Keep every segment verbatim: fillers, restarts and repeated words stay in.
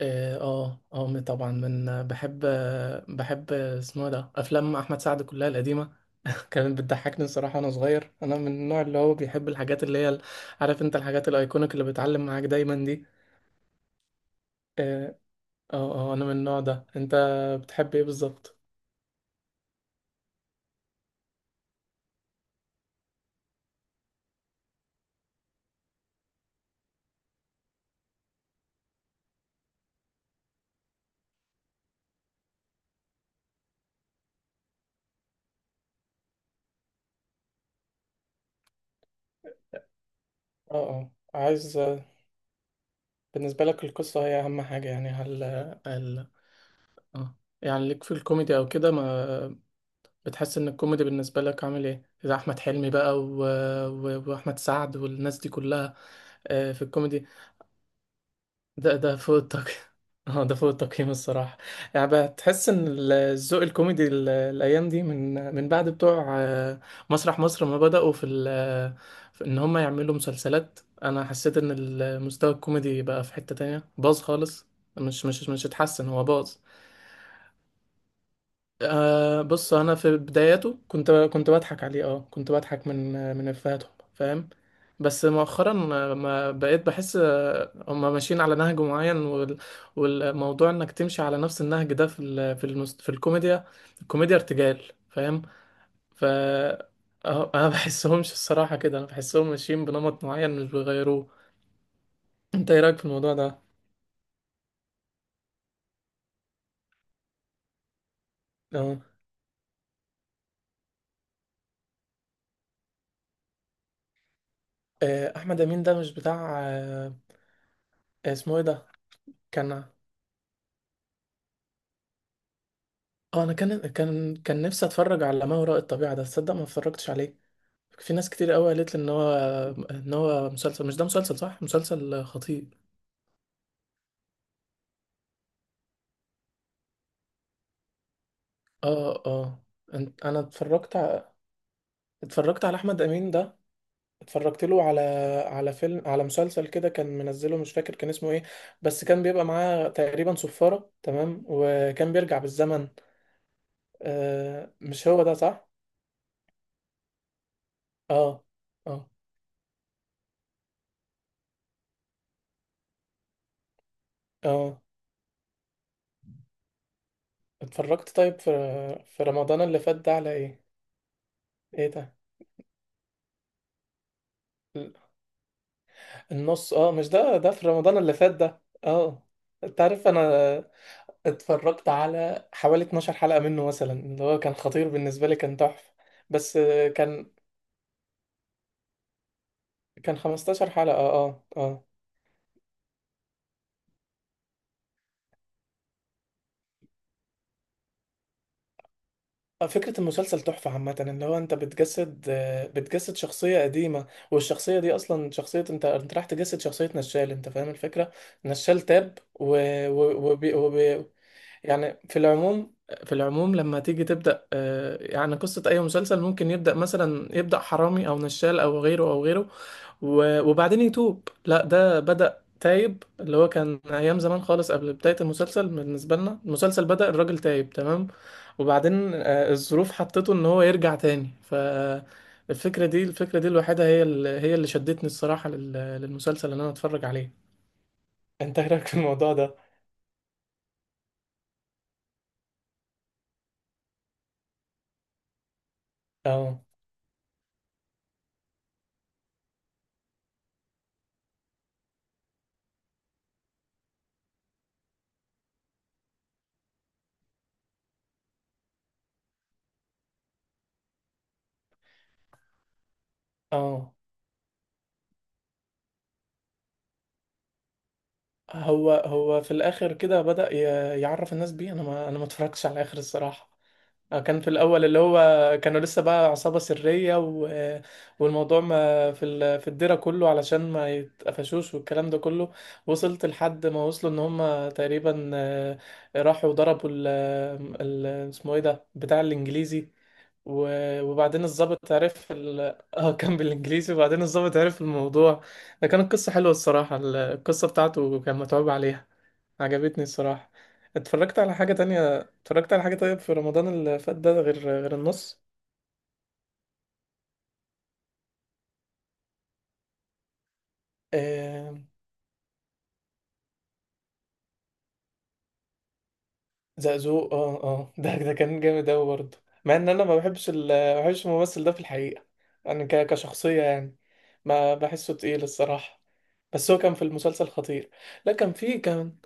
اه اه آه، طبعا من بحب، بحب اسمه إيه ده افلام احمد سعد كلها القديمه. كانت بتضحكني الصراحه وانا صغير. انا من النوع اللي هو بيحب الحاجات اللي هي ال- عارف انت، الحاجات الايكونيك اللي بتعلم معاك دايما دي. اه اه آه، انا من النوع ده. انت بتحب ايه بالظبط؟ اه اه. عايز، بالنسبه لك القصه هي اهم حاجه يعني؟ هل هل اه، يعني ليك في الكوميدي او كده؟ ما بتحس ان الكوميدي بالنسبه لك عامل ايه؟ اذا احمد حلمي بقى و... و... واحمد سعد والناس دي كلها. آه، في الكوميدي، ده ده فوق التقييم. اه ده فوق التقييم الصراحه. يعني بتحس ان ال- الذوق الكوميدي ال- الايام دي من من بعد بتوع آه، مسرح مصر ما بداوا في، ال... آه، في ان هم يعملوا مسلسلات، انا حسيت ان المستوى الكوميدي بقى في حته تانية باظ خالص. مش مش مش اتحسن، هو باظ. أه بص، انا في بداياته كنت كنت بضحك عليه. اه كنت بضحك من من افهاتهم، فاهم؟ بس مؤخرا آه، ما بقيت بحس. آه، هم ماشيين على نهج معين وال- والموضوع انك تمشي على نفس النهج ده في ال- في المس- في الكوميديا. الكوميديا ارتجال، فاهم؟ ف آه، انا بحسهمش الصراحة، كده انا بحسهم ماشيين بنمط معين مش بيغيروه. انت ايه رايك في الموضوع ده؟ اه. آه، احمد امين ده مش بتاع آه، آه، اسمه ايه ده؟ كان، اه انا كان كان كان نفسي اتفرج على ما وراء الطبيعة ده، تصدق ما اتفرجتش عليه. في ناس كتير قوي قالت لي ان هو، ان هو مسلسل، مش ده مسلسل صح، مسلسل خطير. اه اه. أنت- انا اتفرجت ع- اتفرجت على احمد امين ده. اتفرجت له على، على فيلم، على مسلسل كده كان منزله، مش فاكر كان اسمه ايه، بس كان بيبقى معاه تقريبا صفارة، تمام، وكان بيرجع بالزمن. آه مش هو ده صح؟ اه اه اه. اتفرجت طيب في، في رمضان اللي فات ده على ايه؟ ايه ده؟ النص؟ اه مش ده ده في رمضان اللي فات ده، اه. انت عارف، انا اتفرجت على حوالي اتناشر حلقة منه مثلا، اللي هو كان خطير بالنسبة لي، كان تحفة. بس آه، كان، كان خمسة عشر حلقة. اه اه آه، آه، فكرة المسلسل تحفة عامة. اللي هو انت بتجسد، آه، بتجسد شخصية قديمة، والشخصية دي اصلا شخصية، انت انت راح تجسد شخصية نشال، انت فاهم الفكرة. نشال تاب و... و... وبي... يعني في العموم، في العموم لما تيجي تبدأ آه، يعني قصة أي مسلسل، ممكن يبدأ مثلا، يبدأ حرامي أو نشال أو غيره أو غيره و- وبعدين يتوب، لا ده بدأ تايب، اللي هو كان أيام زمان خالص قبل بداية المسلسل. بالنسبة لنا المسلسل بدأ الراجل تايب، تمام. وبعدين آه، الظروف حطته إن هو يرجع تاني. فالفكرة دي، الفكرة دي الوحيدة هي اللي هي اللي شدتني الصراحة لل- للمسلسل اللي أنا أتفرج عليه. أنت إيه رأيك في الموضوع ده؟ أه. أه هو هو في الاخر كده بدأ ي- يعرف الناس بيه. انا ما انا ما اتفرجتش على الاخر الصراحة. آه، كان في الاول اللي هو كانوا لسه بقى عصابة سرية، و... والموضوع ما في ال... في الديرة كله علشان ما يتقفشوش والكلام ده كله. وصلت لحد ما وصلوا ان هم تقريبا آه، راحوا ضربوا ال... ال... اسمه ايه ده بتاع الانجليزي، و... وبعدين الضابط عرف ال... اه كان بالانجليزي. وبعدين الضابط عرف الموضوع. ده كانت قصة حلوة الصراحة، ال- القصة بتاعته كان متعوب عليها. عجبتني الصراحة. اتفرجت على حاجة تانية، اتفرجت على حاجة طيب في رمضان اللي فات ده غير، غير النص. آه... زقزوق اه اه. ده ده كان جامد أوي برضه، مع إن أنا ما بحبش ال... ما بحبش الممثل ده في الحقيقة، يعني ك... كشخصية يعني. ما بحسه تقيل الصراحة، بس هو كان في المسلسل خطير. لا كان في، كان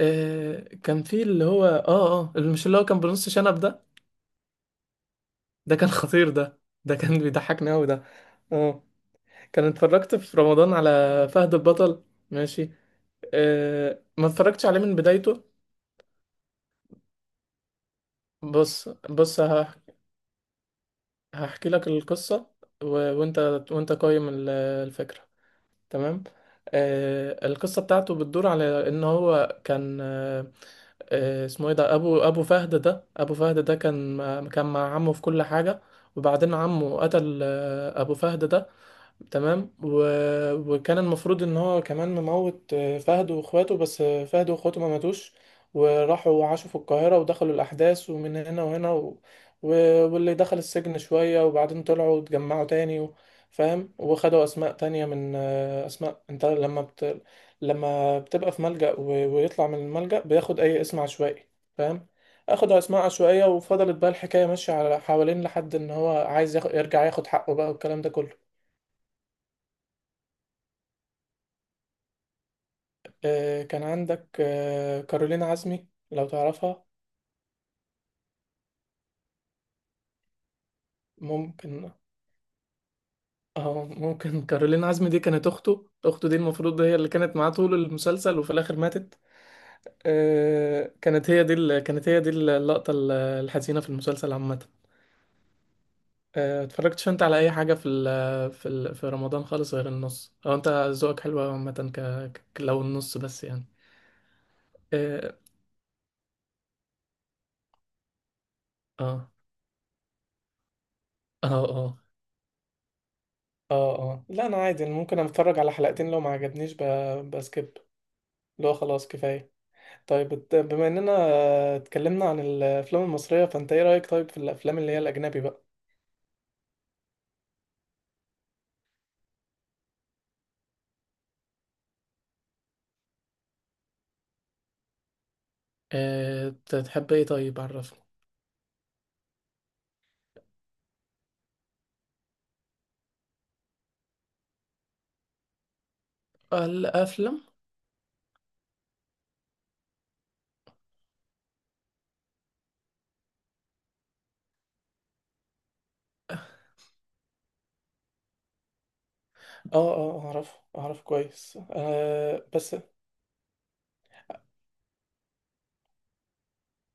آه... كان في اللي هو اه اه اللي، مش اللي هو كان بنص شنب ده. ده كان خطير، ده ده كان بيضحكني أوي ده. اه. كان اتفرجت في رمضان على فهد البطل، ماشي. أه ما اتفرجتش عليه من بدايته. بص بص هح- هحكي لك القصة، و... وانت، وانت قايم ال- الفكرة، تمام. أه القصة بتاعته بتدور على ان هو كان أه آه، اسمه ايه ده، ابو ابو فهد ده. ابو فهد ده كان، كان مع عمه في كل حاجة. وبعدين عمه قتل آه، ابو فهد ده، تمام، و... وكان المفروض ان هو كمان مموت آه، فهد واخواته، بس آه، فهد واخواته ما ماتوش. وراحوا وعاشوا في القاهرة ودخلوا الأحداث ومن هنا وهنا و... و... واللي دخل السجن شوية وبعدين طلعوا واتجمعوا تاني، و... فاهم. وخدوا أسماء تانية من، آه، أسماء أنت لما بت... لما بتبقى في ملجأ و... ويطلع من الملجأ بياخد أي اسم عشوائي، فاهم. أخدوا أسماء عشوائية وفضلت بقى الحكاية ماشية على حوالين لحد إن هو عايز ياخ... يرجع ياخد حقه بقى والكلام ده كله. آه، كان عندك آه، كارولين عزمي، لو تعرفها. ممكن. اه ممكن، كارولين عزمي دي كانت اخته، اخته دي المفروض هي اللي كانت معاه طول المسلسل، وفي الاخر ماتت. آه، كانت هي دي ال- كانت هي دي اللقطة ال- الحزينة في المسلسل عامة. آه، اتفرجتش انت على اي حاجة في ال، في ال في رمضان خالص غير النص؟ او انت ذوقك حلو أوي عامة؟ ك ك- لو النص بس يعني. اه اه اه اه اه اه. لا انا عادي، أنا ممكن اتفرج على حلقتين لو ما عجبنيش، ب- بسكيب. لا خلاص كفاية. طيب ات- بما اننا آه، اتكلمنا عن الافلام المصرية، فانت ايه رأيك طيب في الافلام اللي هي الاجنبي بقى؟ اه ت- تحب ايه طيب؟ عرفني الافلام. اه اه اعرف، اعرف كويس آه بس.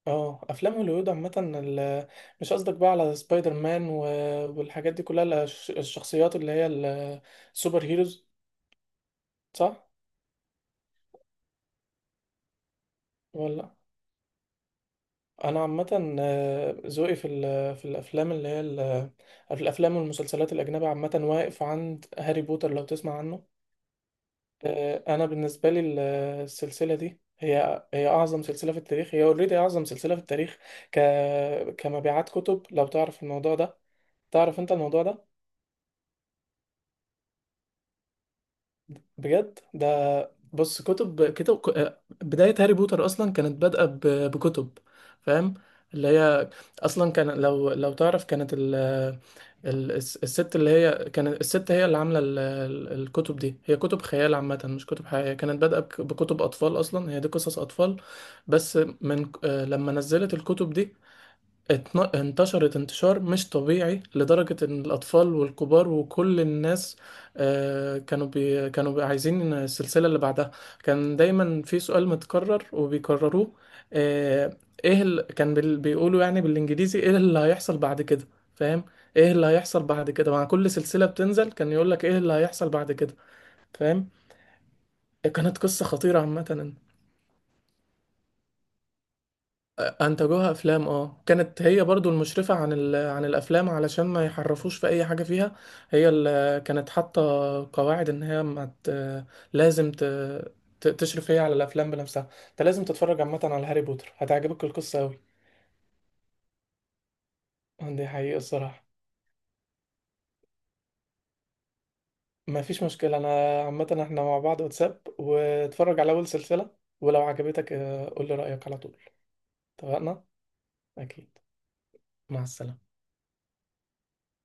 اه افلام هوليوود عامة ال- مش قصدك بقى على سبايدر مان و- والحاجات دي كلها، الش- الشخصيات اللي هي ال- السوبر هيروز. صح؟ ولا. انا عامه آه، ذوقي في ال- في الافلام اللي هي ال- آه، في الافلام والمسلسلات الاجنبيه عامه واقف عند هاري بوتر، لو تسمع عنه. آه، انا بالنسبه لي ال- السلسله دي هي هي اعظم سلسله في التاريخ، هي اوريدي اعظم سلسله في التاريخ ك كمبيعات كتب، لو تعرف الموضوع ده. تعرف انت الموضوع ده؟ بجد ده، بص، كتب كتب ك- آه، بداية هاري بوتر أصلا كانت بادئة ب- بكتب، فاهم، اللي هي أصلا كان، لو لو تعرف كانت ال ال- الس- الست اللي هي كانت، الست هي اللي عاملة ال- ال- الكتب دي، هي كتب خيال عامة مش كتب حقيقية. كانت بادئة بك- بكتب أطفال أصلا، هي دي قصص أطفال. بس من آه، لما نزلت الكتب دي اتن- انتشرت انتشار مش طبيعي، لدرجة ان الاطفال والكبار وكل الناس آه، كانوا بي كانوا بي عايزين السلسلة اللي بعدها. كان دايما في سؤال متكرر وبيكرروه، آه، ايه ال... كان بال... بيقولوا يعني بالانجليزي ايه اللي هيحصل بعد كده، فاهم. ايه اللي هيحصل بعد كده مع كل سلسلة بتنزل، كان يقولك ايه اللي هيحصل بعد كده، فاهم. كانت قصة خطيرة عامة. انتجوها افلام، اه كانت هي برضو المشرفة عن ال... عن الافلام علشان ما يحرفوش في اي حاجة فيها. هي اللي كانت حاطة قواعد ان هي ما ت... لازم ت... ت... تشرف هي على الافلام بنفسها. انت لازم تتفرج عامة على هاري بوتر، هتعجبك القصة اوي. اه، دي حقيقة الصراحة. ما فيش مشكلة، انا عامة احنا مع بعض واتساب واتفرج على اول سلسلة، ولو عجبتك آه، قول لي رأيك على طول. اتفقنا؟ اكيد. مع السلامة.